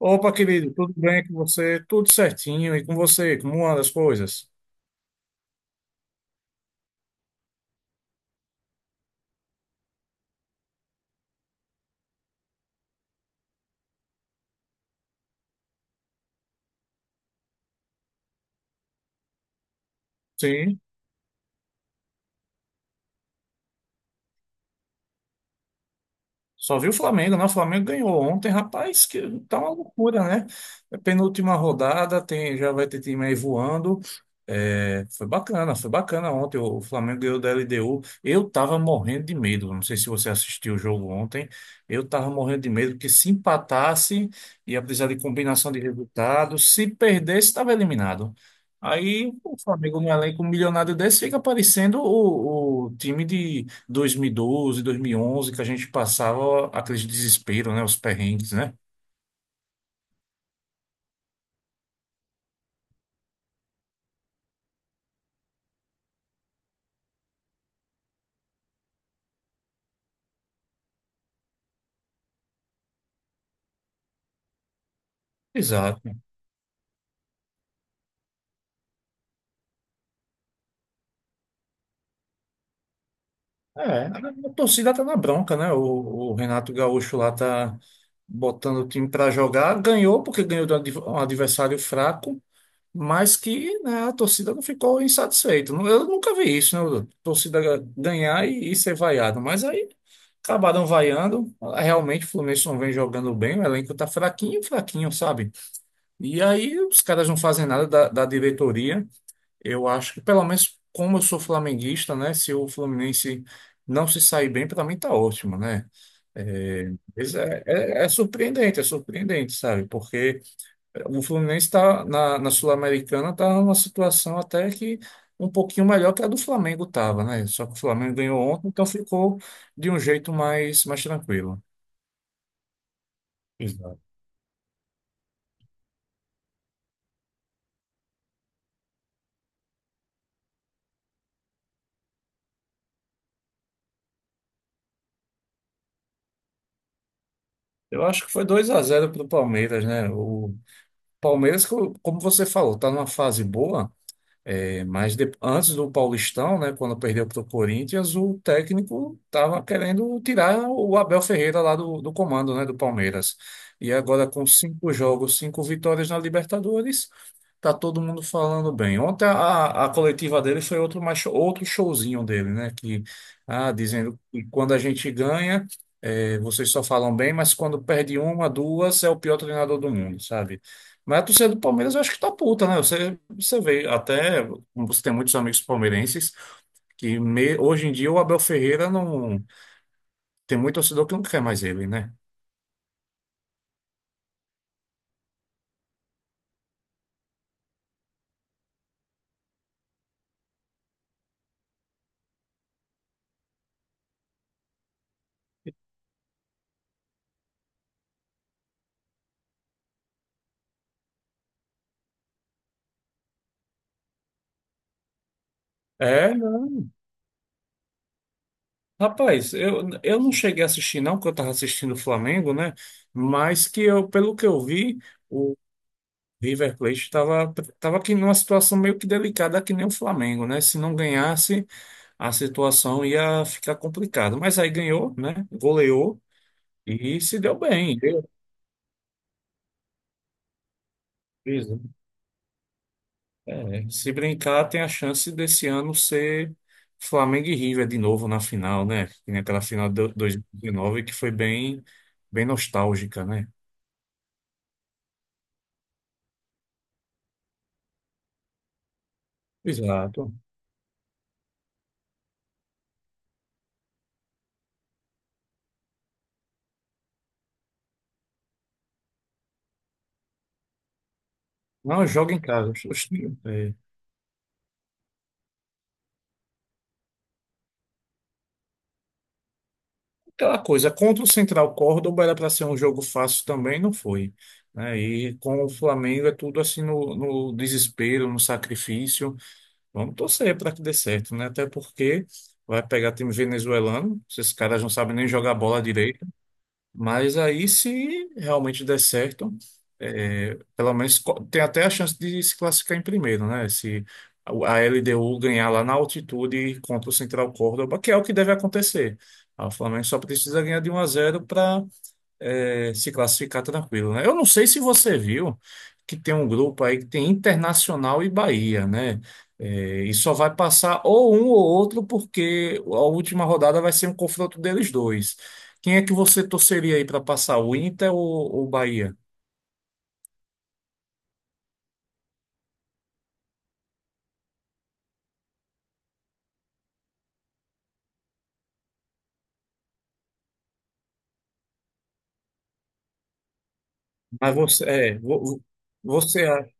Opa, querido, tudo bem com você? Tudo certinho. E com você? Como andam as coisas? Sim. Só viu o Flamengo, né? O Flamengo ganhou ontem, rapaz, que tá uma loucura, né? É penúltima rodada, tem, já vai ter time aí voando. É, foi bacana ontem. O Flamengo ganhou da LDU. Eu tava morrendo de medo. Não sei se você assistiu o jogo ontem. Eu tava morrendo de medo que se empatasse, ia precisar de combinação de resultados. Se perdesse, estava eliminado. Aí o Flamengo, no elenco milionário desse, fica parecendo o time de 2012, 2011, que a gente passava aquele desespero, né? Os perrengues, né? Exato. É, a torcida tá na bronca, né? O Renato Gaúcho lá tá botando o time para jogar. Ganhou porque ganhou de um adversário fraco, mas que, né, a torcida não ficou insatisfeita. Eu nunca vi isso, né? A torcida ganhar e ser vaiado. Mas aí acabaram vaiando. Realmente o Fluminense não vem jogando bem, o elenco tá fraquinho, fraquinho, sabe? E aí os caras não fazem nada da diretoria. Eu acho que, pelo menos, como eu sou flamenguista, né? Se o Fluminense não se sair bem, para mim tá ótimo, né? É, mas é surpreendente, sabe? Porque o Fluminense está na Sul-Americana, está numa situação até que um pouquinho melhor que a do Flamengo estava, né? Só que o Flamengo ganhou ontem, então ficou de um jeito mais tranquilo. Exato. Eu acho que foi 2 a zero para o Palmeiras, né? Palmeiras, como você falou, está numa fase boa. É, mas antes do Paulistão, né, quando perdeu para o Corinthians, o técnico estava querendo tirar o Abel Ferreira lá do comando, né, do Palmeiras. E agora com cinco jogos, cinco vitórias na Libertadores, tá todo mundo falando bem. Ontem a coletiva dele foi outro, outro showzinho dele, né, que dizendo que quando a gente ganha, é, vocês só falam bem, mas quando perde uma, duas, é o pior treinador do mundo, sabe? Mas a torcida do Palmeiras eu acho que tá puta, né? Você vê, até você tem muitos amigos palmeirenses que hoje em dia o Abel Ferreira não tem muito torcedor que não quer mais ele, né? É, rapaz, eu não cheguei a assistir não, porque eu estava assistindo o Flamengo, né? Mas que eu, pelo que eu vi, o River Plate estava aqui numa situação meio que delicada, que nem o Flamengo, né? Se não ganhasse, a situação ia ficar complicada. Mas aí ganhou, né? Goleou e se deu bem. Deu. É, se brincar, tem a chance desse ano ser Flamengo e River de novo na final, né? Que nem aquela final de 2019 que foi bem, bem nostálgica, né? Exato. Não, joga em casa. É. Aquela coisa, contra o Central Córdoba era para ser um jogo fácil também, não foi, né? E com o Flamengo é tudo assim no desespero, no sacrifício. Vamos torcer para que dê certo, né? Até porque vai pegar time venezuelano, esses caras não sabem nem jogar bola. Mas aí, se realmente der certo, é, pelo menos tem até a chance de se classificar em primeiro, né? Se a LDU ganhar lá na altitude contra o Central Córdoba, que é o que deve acontecer. Ah, o Flamengo só precisa ganhar de um a 0, é, se classificar tá tranquilo, né? Eu não sei se você viu que tem um grupo aí que tem Internacional e Bahia, né? É, e só vai passar ou um ou outro, porque a última rodada vai ser um confronto deles dois. Quem é que você torceria aí para passar, o Inter ou o Bahia? Mas você, você acha.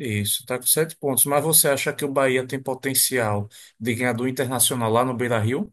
Isso, tá com sete pontos. Mas você acha que o Bahia tem potencial de ganhar do Internacional lá no Beira-Rio?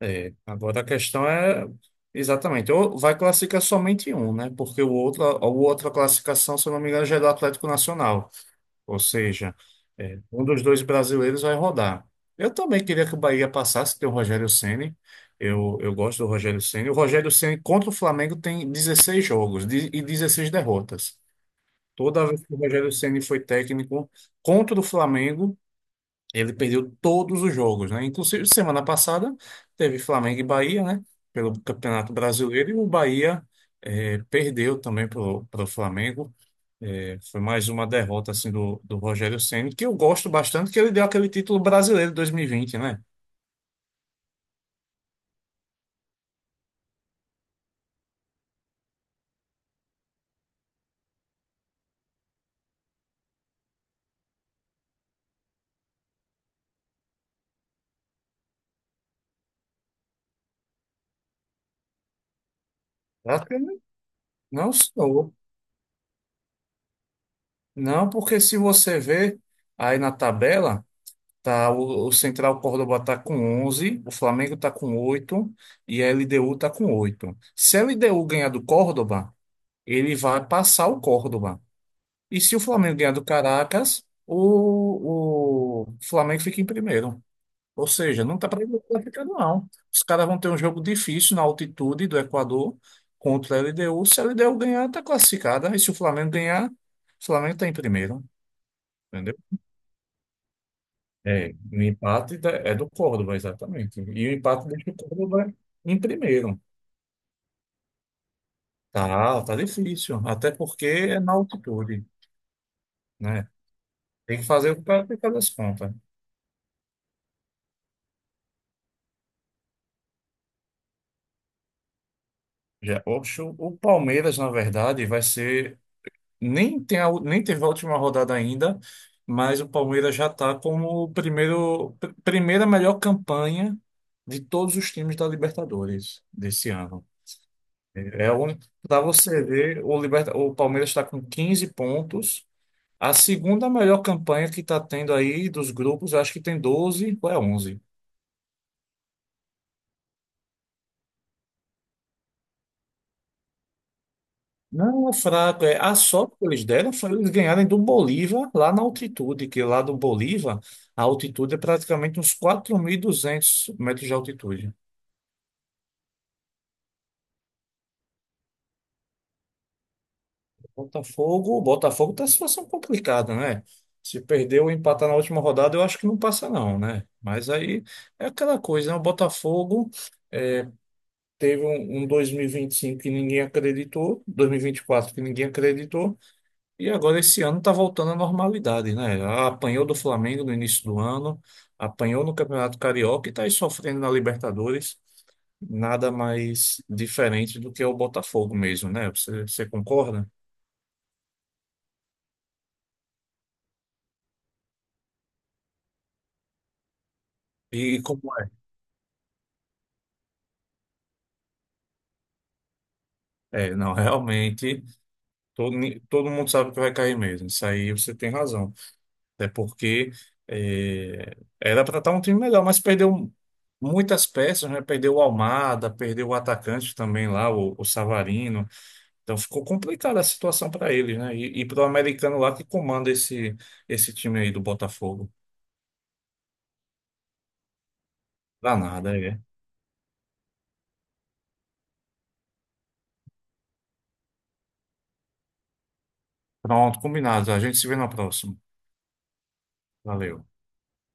É, agora a questão é exatamente, ou vai classificar somente um, né? Porque o outro, a outra classificação, se eu não me engano, já é do Atlético Nacional. Ou seja, é, um dos dois brasileiros vai rodar. Eu também queria que o Bahia passasse, tem o Rogério Ceni. Eu gosto do Rogério Ceni. O Rogério Ceni contra o Flamengo tem 16 jogos e 16 derrotas. Toda vez que o Rogério Ceni foi técnico contra o Flamengo, ele perdeu todos os jogos, né? Inclusive, semana passada teve Flamengo e Bahia, né? Pelo Campeonato Brasileiro, e o Bahia perdeu também pro Flamengo. Foi mais uma derrota assim do Rogério Ceni, que eu gosto bastante, que ele deu aquele título brasileiro 2020, né? Acho que não, não sou. Não, porque se você ver aí na tabela, tá o Central Córdoba tá com 11, o Flamengo tá com 8 e a LDU tá com 8. Se a LDU ganhar do Córdoba ele vai passar o Córdoba. E se o Flamengo ganhar do Caracas, o Flamengo fica em primeiro. Ou seja, não está classificado, não. Os caras vão ter um jogo difícil na altitude do Equador contra a LDU. Se a LDU ganhar, está classificada. E se o Flamengo ganhar, o Flamengo está em primeiro. Entendeu? É, o empate é do Córdoba, exatamente. E o empate deixa o Córdoba em primeiro. Tá, tá difícil. Até porque é na altitude, né? Tem que fazer o que o cara tem fazer as contas. Já, oxe, o Palmeiras, na verdade, vai ser. Nem teve a última rodada ainda, mas o Palmeiras já está como o primeira melhor campanha de todos os times da Libertadores desse ano. É o único. Para você ver, o Palmeiras está com 15 pontos. A segunda melhor campanha que está tendo aí dos grupos, eu acho que tem 12, ou é 11. Não é fraco, é. A sorte que eles deram foi eles ganharem do Bolívar lá na altitude, que lá do Bolívar a altitude é praticamente uns 4.200 metros de altitude. Botafogo, o Botafogo tá em situação complicada, né? Se perder ou empatar na última rodada, eu acho que não passa não, né? Mas aí é aquela coisa, né? O Botafogo teve um 2025 que ninguém acreditou, dois mil e vinte e quatro que ninguém acreditou. E agora esse ano está voltando à normalidade, né? Apanhou do Flamengo no início do ano, apanhou no Campeonato Carioca e está aí sofrendo na Libertadores. Nada mais diferente do que o Botafogo mesmo, né? Você concorda? E como é? É, não, realmente, todo mundo sabe que vai cair mesmo. Isso aí você tem razão. Até porque era para estar um time melhor, mas perdeu muitas peças, né? Perdeu o Almada, perdeu o atacante também lá, o Savarino. Então ficou complicada a situação para eles, né? E para o americano lá que comanda esse time aí do Botafogo. Danada, é. Pronto, combinado. A gente se vê na próxima. Valeu.